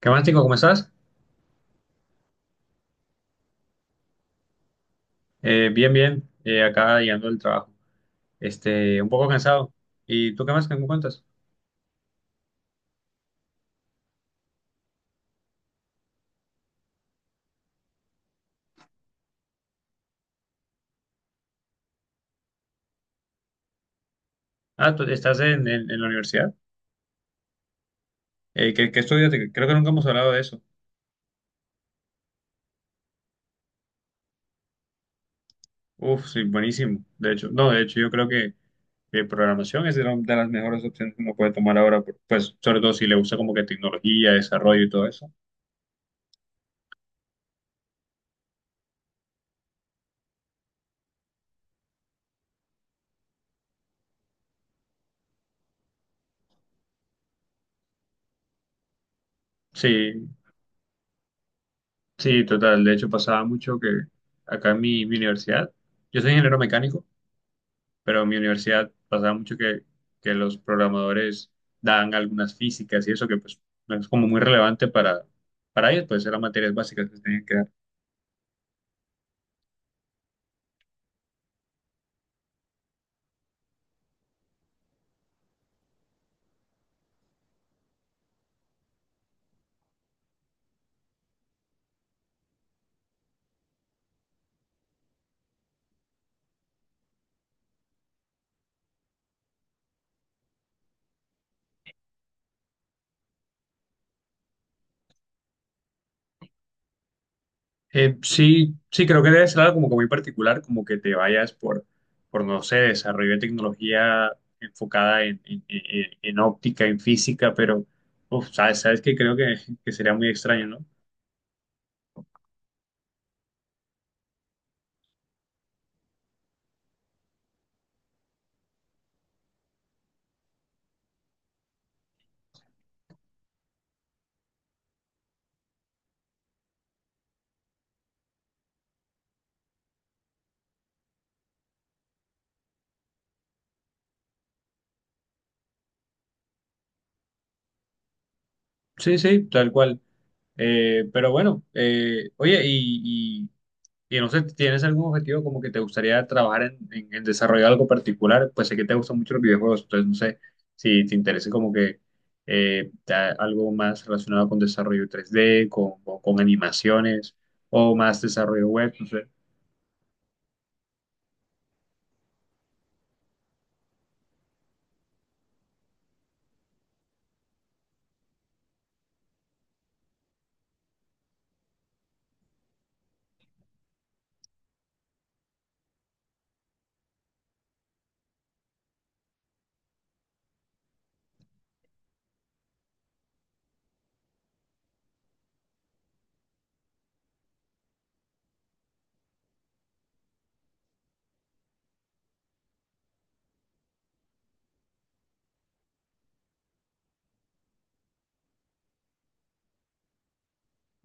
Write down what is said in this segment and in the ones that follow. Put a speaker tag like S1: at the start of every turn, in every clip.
S1: ¿Qué más, chico? ¿Cómo estás? Bien, bien. Acá llegando del trabajo. Este, un poco cansado. ¿Y tú qué más? ¿Qué me cuentas? Ah, tú estás en la universidad. Qué estudias? Creo que nunca hemos hablado de eso. Uf, sí, buenísimo. De hecho, no, de hecho, yo creo que programación es de las mejores opciones que uno puede tomar ahora. Pues, sobre todo si le gusta como que tecnología, desarrollo y todo eso. Sí, sí, total. De hecho, pasaba mucho que acá en mi universidad, yo soy ingeniero mecánico. Pero en mi universidad pasaba mucho que los programadores daban algunas físicas y eso que pues no es como muy relevante para ellos, pues eran materias básicas que se tenían que dar. Sí, sí, creo que debe ser algo como que muy particular, como que te vayas por no sé, desarrollo de tecnología enfocada en óptica, en física, pero uf, sabes, sabes que creo que sería muy extraño, ¿no? Sí, sí, tal cual. Pero bueno, oye, y no sé, ¿tienes algún objetivo como que te gustaría trabajar en desarrollar algo particular? Pues sé que te gustan mucho los videojuegos, entonces no sé si te interesa como que algo más relacionado con desarrollo 3D, con animaciones o más desarrollo web, no sé.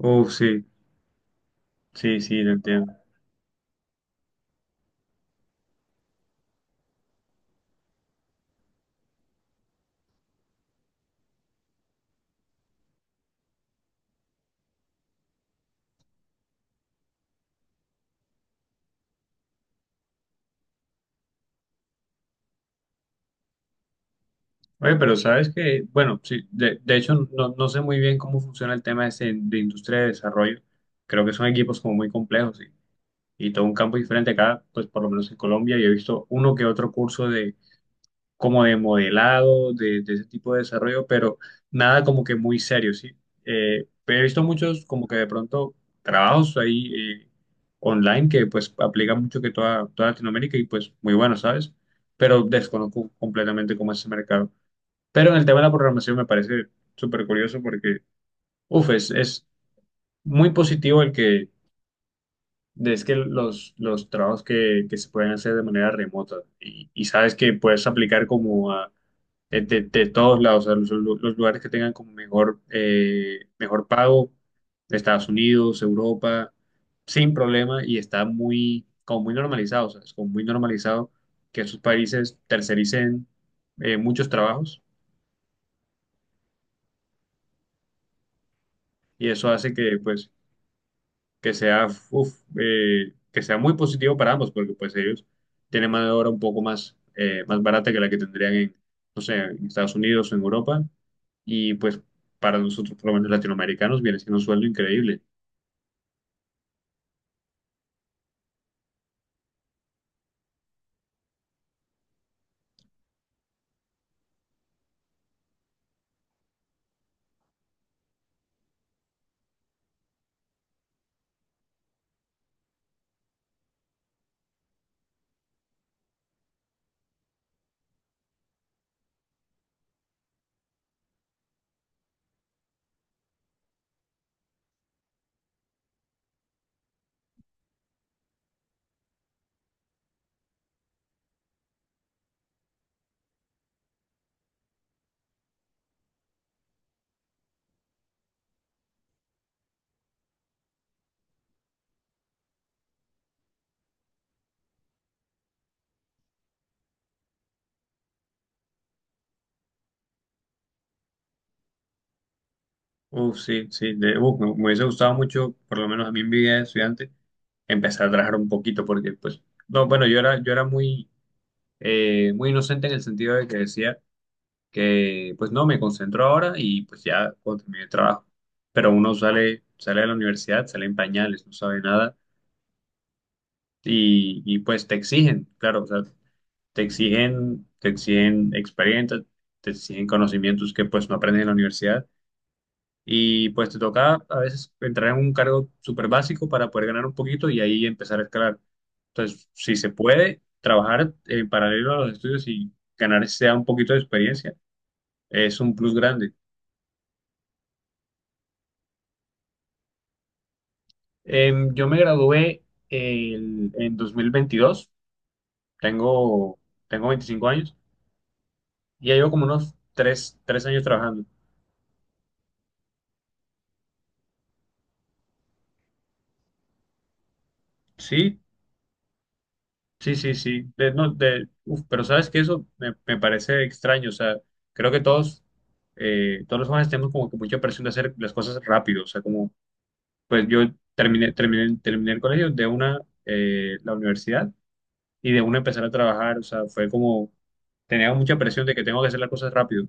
S1: Uf, sí, sí, sí, lo entiendo. Oye, pero sabes que, bueno, sí, de hecho no, no sé muy bien cómo funciona el tema ese de industria de desarrollo. Creo que son equipos como muy complejos y todo un campo diferente acá, pues por lo menos en Colombia, yo he visto uno que otro curso de como de modelado, de ese tipo de desarrollo, pero nada como que muy serio, ¿sí? Pero he visto muchos como que de pronto trabajos ahí eh, online que pues aplican mucho que toda Latinoamérica y pues muy bueno, ¿sabes? Pero desconozco completamente cómo es ese mercado. Pero en el tema de la programación me parece súper curioso porque, uff, es muy positivo el que Es que los trabajos que se pueden hacer de manera remota y sabes que puedes aplicar como a, de todos lados, o sea, los lugares que tengan como mejor, mejor pago, Estados Unidos, Europa, sin problema y está muy, como muy normalizado, o sea, es como muy normalizado que esos países tercericen muchos trabajos y eso hace que pues que sea, uf, que sea muy positivo para ambos, porque pues ellos tienen mano de obra un poco más, más barata que la que tendrían en, no sé, en Estados Unidos o en Europa, y pues para nosotros, por lo menos latinoamericanos, viene siendo un sueldo increíble. Uf, sí, sí, uf, me hubiese gustado mucho, por lo menos a mí en mi vida de estudiante, empezar a trabajar un poquito, porque pues, no, bueno, yo era muy, muy inocente en el sentido de que decía que pues no, me concentro ahora y pues ya cuando termine el trabajo. Pero uno sale, sale de la universidad, sale en pañales, no sabe nada y, y pues te exigen, claro, o sea, te exigen experiencia, te exigen conocimientos que pues no aprendes en la universidad y pues te toca a veces entrar en un cargo súper básico para poder ganar un poquito y ahí empezar a escalar. Entonces, si se puede trabajar en paralelo a los estudios y ganar sea un poquito de experiencia, es un plus grande. Yo me gradué en 2022 tengo, tengo 25 años y ya llevo como unos tres años trabajando. Sí, sí, sí, sí. De- no, de- Uf, pero sabes que eso me, me parece extraño, o sea, creo que todos, todos los jóvenes tenemos como que mucha presión de hacer las cosas rápido, o sea, como, pues yo terminé el colegio de una, la universidad y de una empezar a trabajar, o sea, fue como, tenía mucha presión de que tengo que hacer las cosas rápido.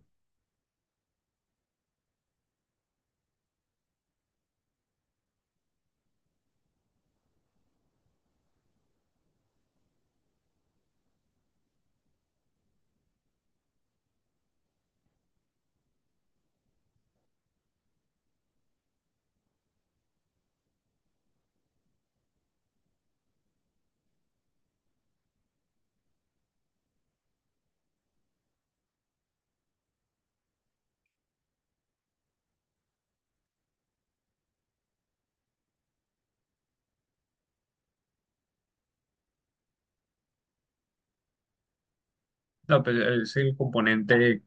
S1: No, pues, es el componente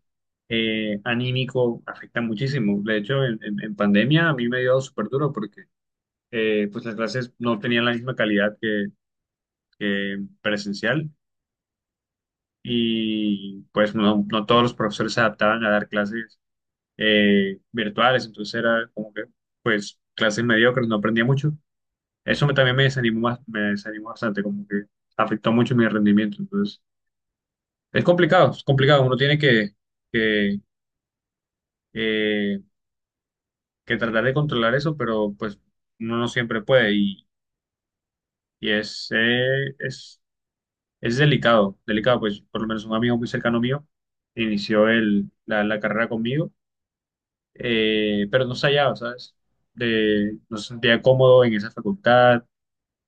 S1: anímico afecta muchísimo. De hecho, en pandemia a mí me dio súper duro porque pues las clases no tenían la misma calidad que presencial y pues no, no todos los profesores se adaptaban a dar clases virtuales, entonces era como que pues clases mediocres, no aprendía mucho. También me desanimó, me desanimó bastante, como que afectó mucho mi rendimiento. Entonces, es complicado, es complicado. Uno tiene que eh, que tratar de controlar eso, pero pues uno no siempre puede y es delicado, delicado, pues por lo menos un amigo muy cercano mío inició la carrera conmigo, pero no se hallaba, ¿sabes? De, no se sentía cómodo en esa facultad,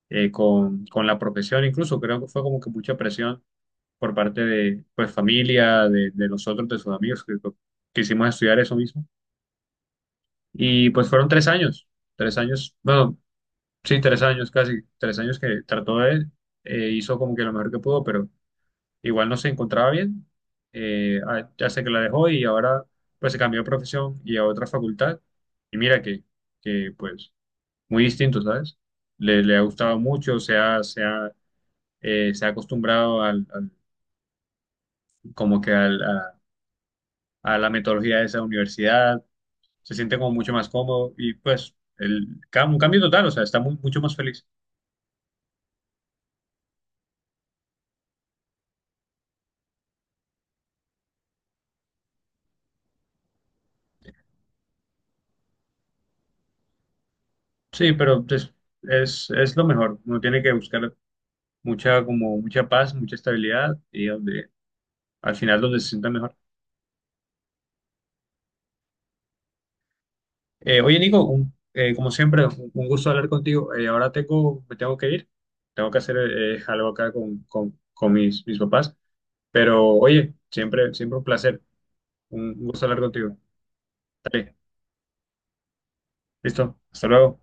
S1: con la profesión, incluso creo que fue como que mucha presión por parte de pues familia, de nosotros, de sus amigos que quisimos estudiar eso mismo. Y pues fueron 3 años, 3 años, bueno, sí, tres años casi, 3 años que trató de, hizo como que lo mejor que pudo, pero igual no se encontraba bien. Ya sé que la dejó y ahora pues se cambió de profesión y a otra facultad. Y mira que pues muy distinto, ¿sabes? Le ha gustado mucho, se ha acostumbrado como que a la metodología de esa universidad, se siente como mucho más cómodo y pues un cambio total, o sea, está mucho más feliz. Sí, pero pues, es lo mejor. Uno tiene que buscar mucha, como mucha paz, mucha estabilidad y donde, al final donde se sienta mejor. Oye, Nico, como siempre, un gusto hablar contigo. Ahora tengo, me tengo que ir. Tengo que hacer algo acá con mis, mis papás. Pero oye, siempre, siempre un placer. Un gusto hablar contigo. Dale, listo. Hasta luego.